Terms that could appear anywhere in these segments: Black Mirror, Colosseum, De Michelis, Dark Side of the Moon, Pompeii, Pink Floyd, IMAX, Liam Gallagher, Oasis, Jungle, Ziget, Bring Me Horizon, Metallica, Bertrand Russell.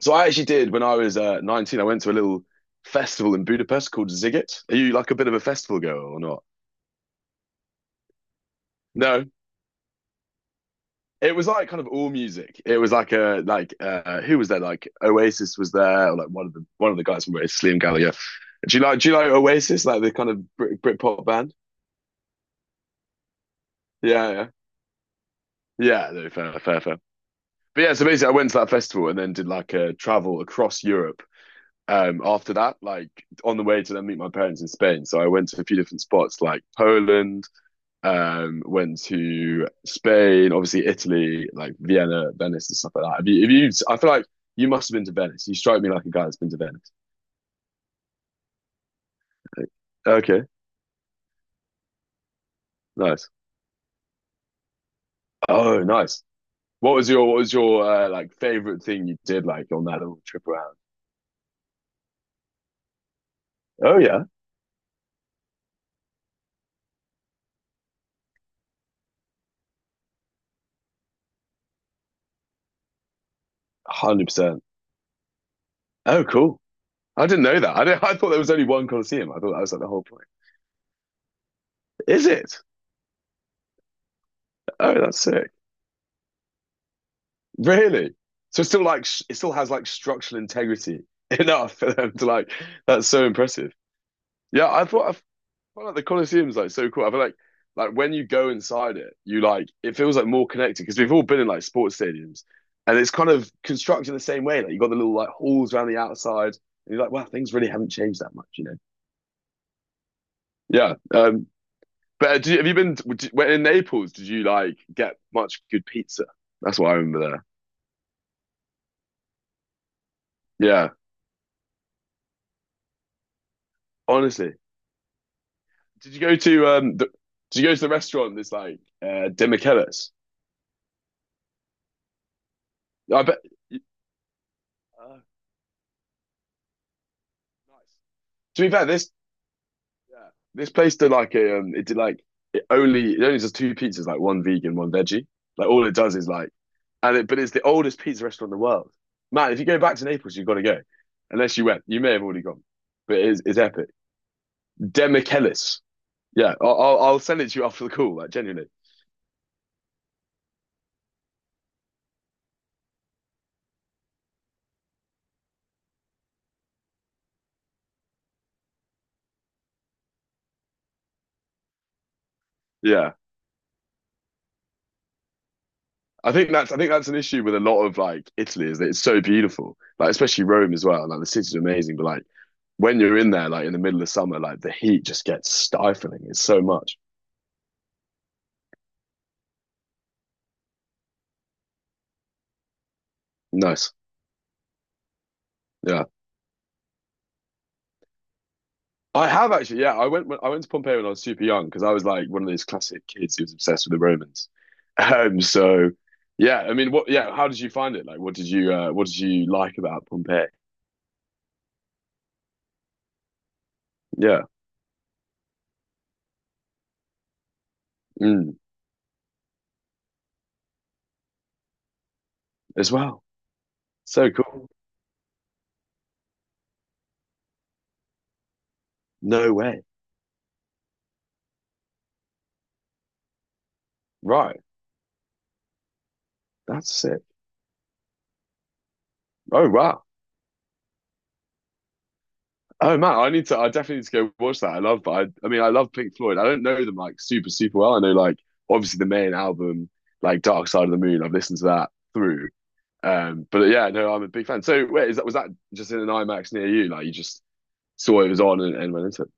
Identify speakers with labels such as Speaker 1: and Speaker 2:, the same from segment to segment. Speaker 1: So I actually did when I was 19. I went to a little festival in Budapest called Ziget. Are you like a bit of a festival girl or not? No. It was like kind of all music. It was like a like who was there? Like Oasis was there, or like one of the guys from Oasis, Liam Gallagher. Do you like Oasis? Like the kind of Brit pop band? Yeah, yeah. Yeah, no, fair, fair, fair. But yeah, so basically I went to that festival and then did like a travel across Europe after that, like on the way to then meet my parents in Spain. So I went to a few different spots like Poland. Went to Spain, obviously Italy, like Vienna, Venice, and stuff like that. I feel like you must have been to Venice. You strike me like a guy that's been to Venice. Okay, nice. Oh, nice. What was your like favorite thing you did like on that little trip around? Oh yeah, 100%. Oh cool. I didn't know that. I didn't, I thought there was only one Colosseum. I thought that was like the whole point. Is it? Oh, that's sick. Really? So it's still like it still has like structural integrity enough for them to like that's so impressive. Yeah, I thought I Felt like the Colosseum's like so cool. I feel like when you go inside it, you like it feels like more connected because we've all been in like sports stadiums, and it's kind of constructed the same way. Like you got the little like halls around the outside, and you're like, wow, things really haven't changed that much, you know? Yeah. But have you been when in Naples? Did you like get much good pizza? That's what I remember there. Yeah. Honestly, did you go to The, did you go to the restaurant that's like De Michelis? I bet. Uh, nice. To be fair, this. Yeah, this place did like a, it did like it only does two pizzas, like one vegan, one veggie. Like all it does is like, and it but it's the oldest pizza restaurant in the world. Man, if you go back to Naples, you've got to go. Unless you went, you may have already gone, but it is it's epic. Demichelis. Yeah, I'll send it to you after the call. Like genuinely, yeah. I think that's an issue with a lot of like Italy is that it's so beautiful, like especially Rome as well. Like the city's amazing, but like when you're in there, like in the middle of summer, like the heat just gets stifling. It's so much. Nice. Yeah. I have actually, yeah. I went to Pompeii when I was super young because I was like one of those classic kids who was obsessed with the Romans. So yeah, I mean, what? Yeah, how did you find it? Like, what did you like about Pompeii? Yeah, mm, as well. So cool. No way. Right, that's sick. Oh wow. Oh man, I need to. I definitely need to go watch that. I love. I mean, I love Pink Floyd. I don't know them like super well. I know like obviously the main album, like Dark Side of the Moon. I've listened to that through. But yeah, no, I'm a big fan. So wait, is that was that just in an IMAX near you? Like you just saw it was on and went into it.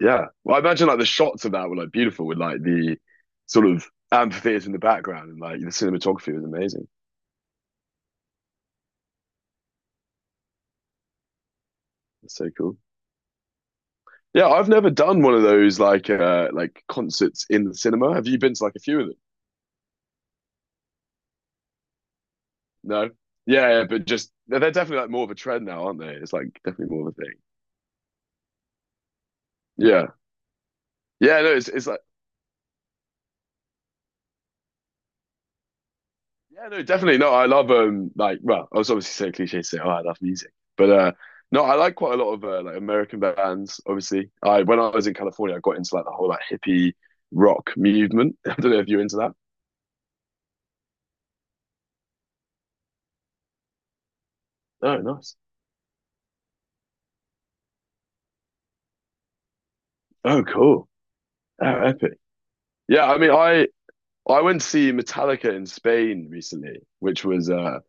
Speaker 1: Yeah. Well, I imagine like the shots of that were like beautiful with like the sort of amphitheater in the background and like the cinematography was amazing. It's so cool. Yeah, I've never done one of those like like concerts in the cinema. Have you been to like a few of them? No. Yeah, yeah, but just they're definitely like more of a trend now, aren't they? It's like definitely more of a thing. Yeah. Yeah, no, it's like yeah, no, definitely. No, I love like well, I was obviously so cliche to say, oh, I love music. But no, I like quite a lot of like American bands, obviously. I when I was in California I got into like the whole like hippie rock movement. I don't know if you're into that. Oh, nice. Oh, cool. Oh, epic. Yeah, I mean, I went to see Metallica in Spain recently, which was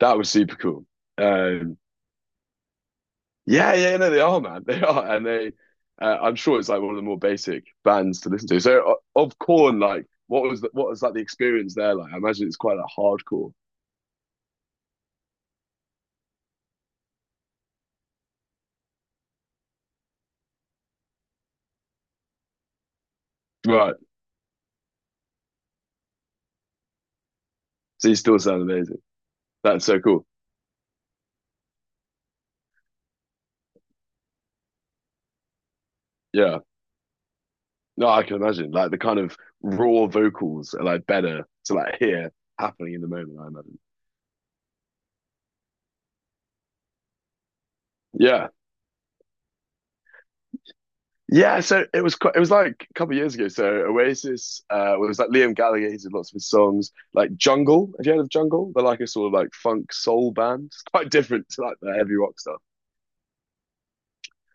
Speaker 1: that was super cool. Um. Yeah, yeah, no, they are, man. They are, and they. I'm sure it's like one of the more basic bands to listen to. So, of Corn, like, what was like the experience there like? I imagine it's quite like hardcore, right? So you still sound amazing. That's so cool. Yeah, no, I can imagine like the kind of raw vocals are like better to like hear happening in the moment. I imagine. Yeah. Yeah, so it was quite, it was like a couple of years ago. So Oasis well, it was like Liam Gallagher. He did lots of his songs, like Jungle. Have you heard of Jungle? They're like a sort of like funk soul band. It's quite different to like the heavy rock stuff.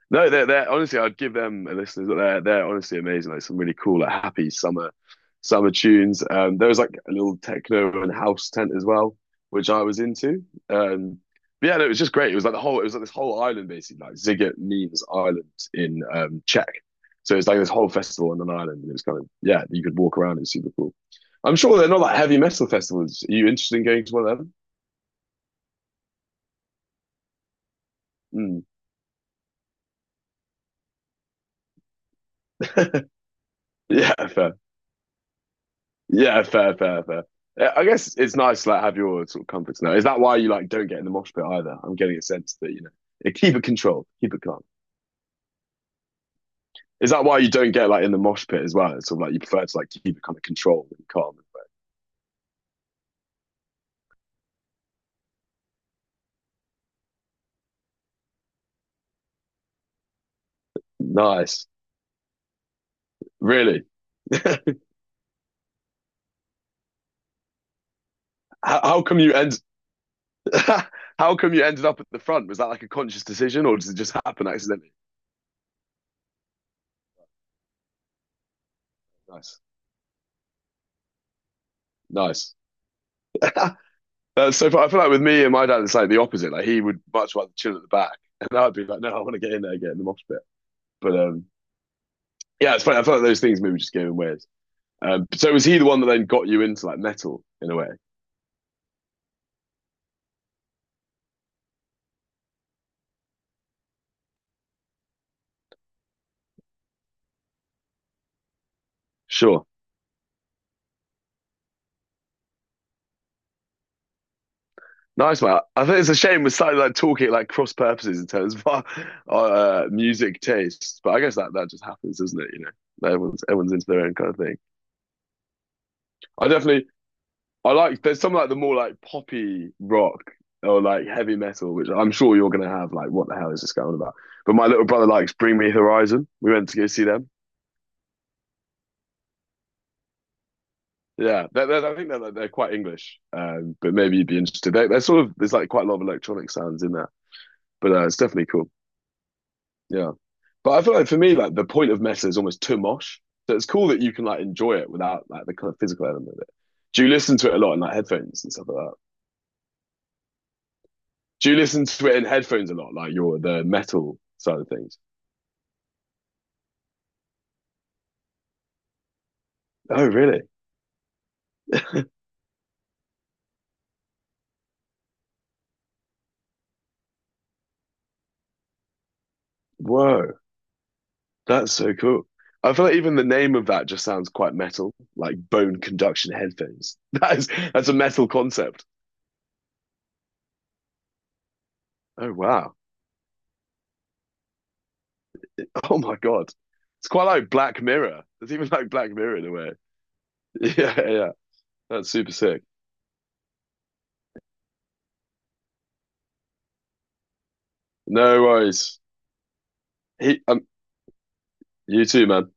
Speaker 1: No, they're honestly, I'd give them listeners. They're honestly amazing. Like some really cool, like happy summer tunes. There was like a little techno and house tent as well, which I was into. Um, but yeah, no, it was just great. It was like this whole island basically, like Ziget means island in Czech. So it's like this whole festival on an island, and it was kind of yeah, you could walk around. It's super cool. I'm sure they're not like heavy metal festivals. Are you interested in going to one of them? Mm. Yeah, fair. Yeah, fair, fair, fair. Yeah, I guess it's nice to like have your sort of comforts now. Is that why you like don't get in the mosh pit either? I'm getting a sense that you know yeah, keep it controlled, keep it calm. Is that why you don't get like in the mosh pit as well? It's sort of like you prefer to like keep it kind of controlled and calm. Nice, really. how, how come you end? How come you ended up at the front? Was that like a conscious decision, or does it just happen accidentally? Nice, nice. So far, I feel like with me and my dad, it's like the opposite. Like he would much rather chill at the back, and I'd be like, no, I want to get in there, get in the mosh pit. But yeah, it's funny. I felt like those things maybe just gave him weird. So was he the one that then got you into like metal in a way? Sure. Nice man. I think it's a shame we're starting like talking like cross purposes in terms of our music tastes, but I guess that just happens, doesn't it? You know, everyone's into their own kind of thing. I definitely, I like there's some like the more like poppy rock or like heavy metal, which I'm sure you're gonna have like what the hell is this going on about? But my little brother likes Bring Me Horizon. We went to go see them. Yeah, I think they're, like, they're quite English, but maybe you'd be interested. They're sort of there's like quite a lot of electronic sounds in there, but it's definitely cool. Yeah, but I feel like for me, like the point of metal is almost too mosh, so it's cool that you can like enjoy it without like the kind of physical element of it. Do you listen to it a lot in like headphones and stuff like that? Do you listen to it in headphones a lot, like your the metal side of things? Oh, really? Whoa, that's so cool. I feel like even the name of that just sounds quite metal, like bone conduction headphones. That is that's a metal concept. Oh wow. Oh my God. It's quite like Black Mirror. It's even like Black Mirror in a way. Yeah, yeah. That's super sick. No worries. He, you too, man.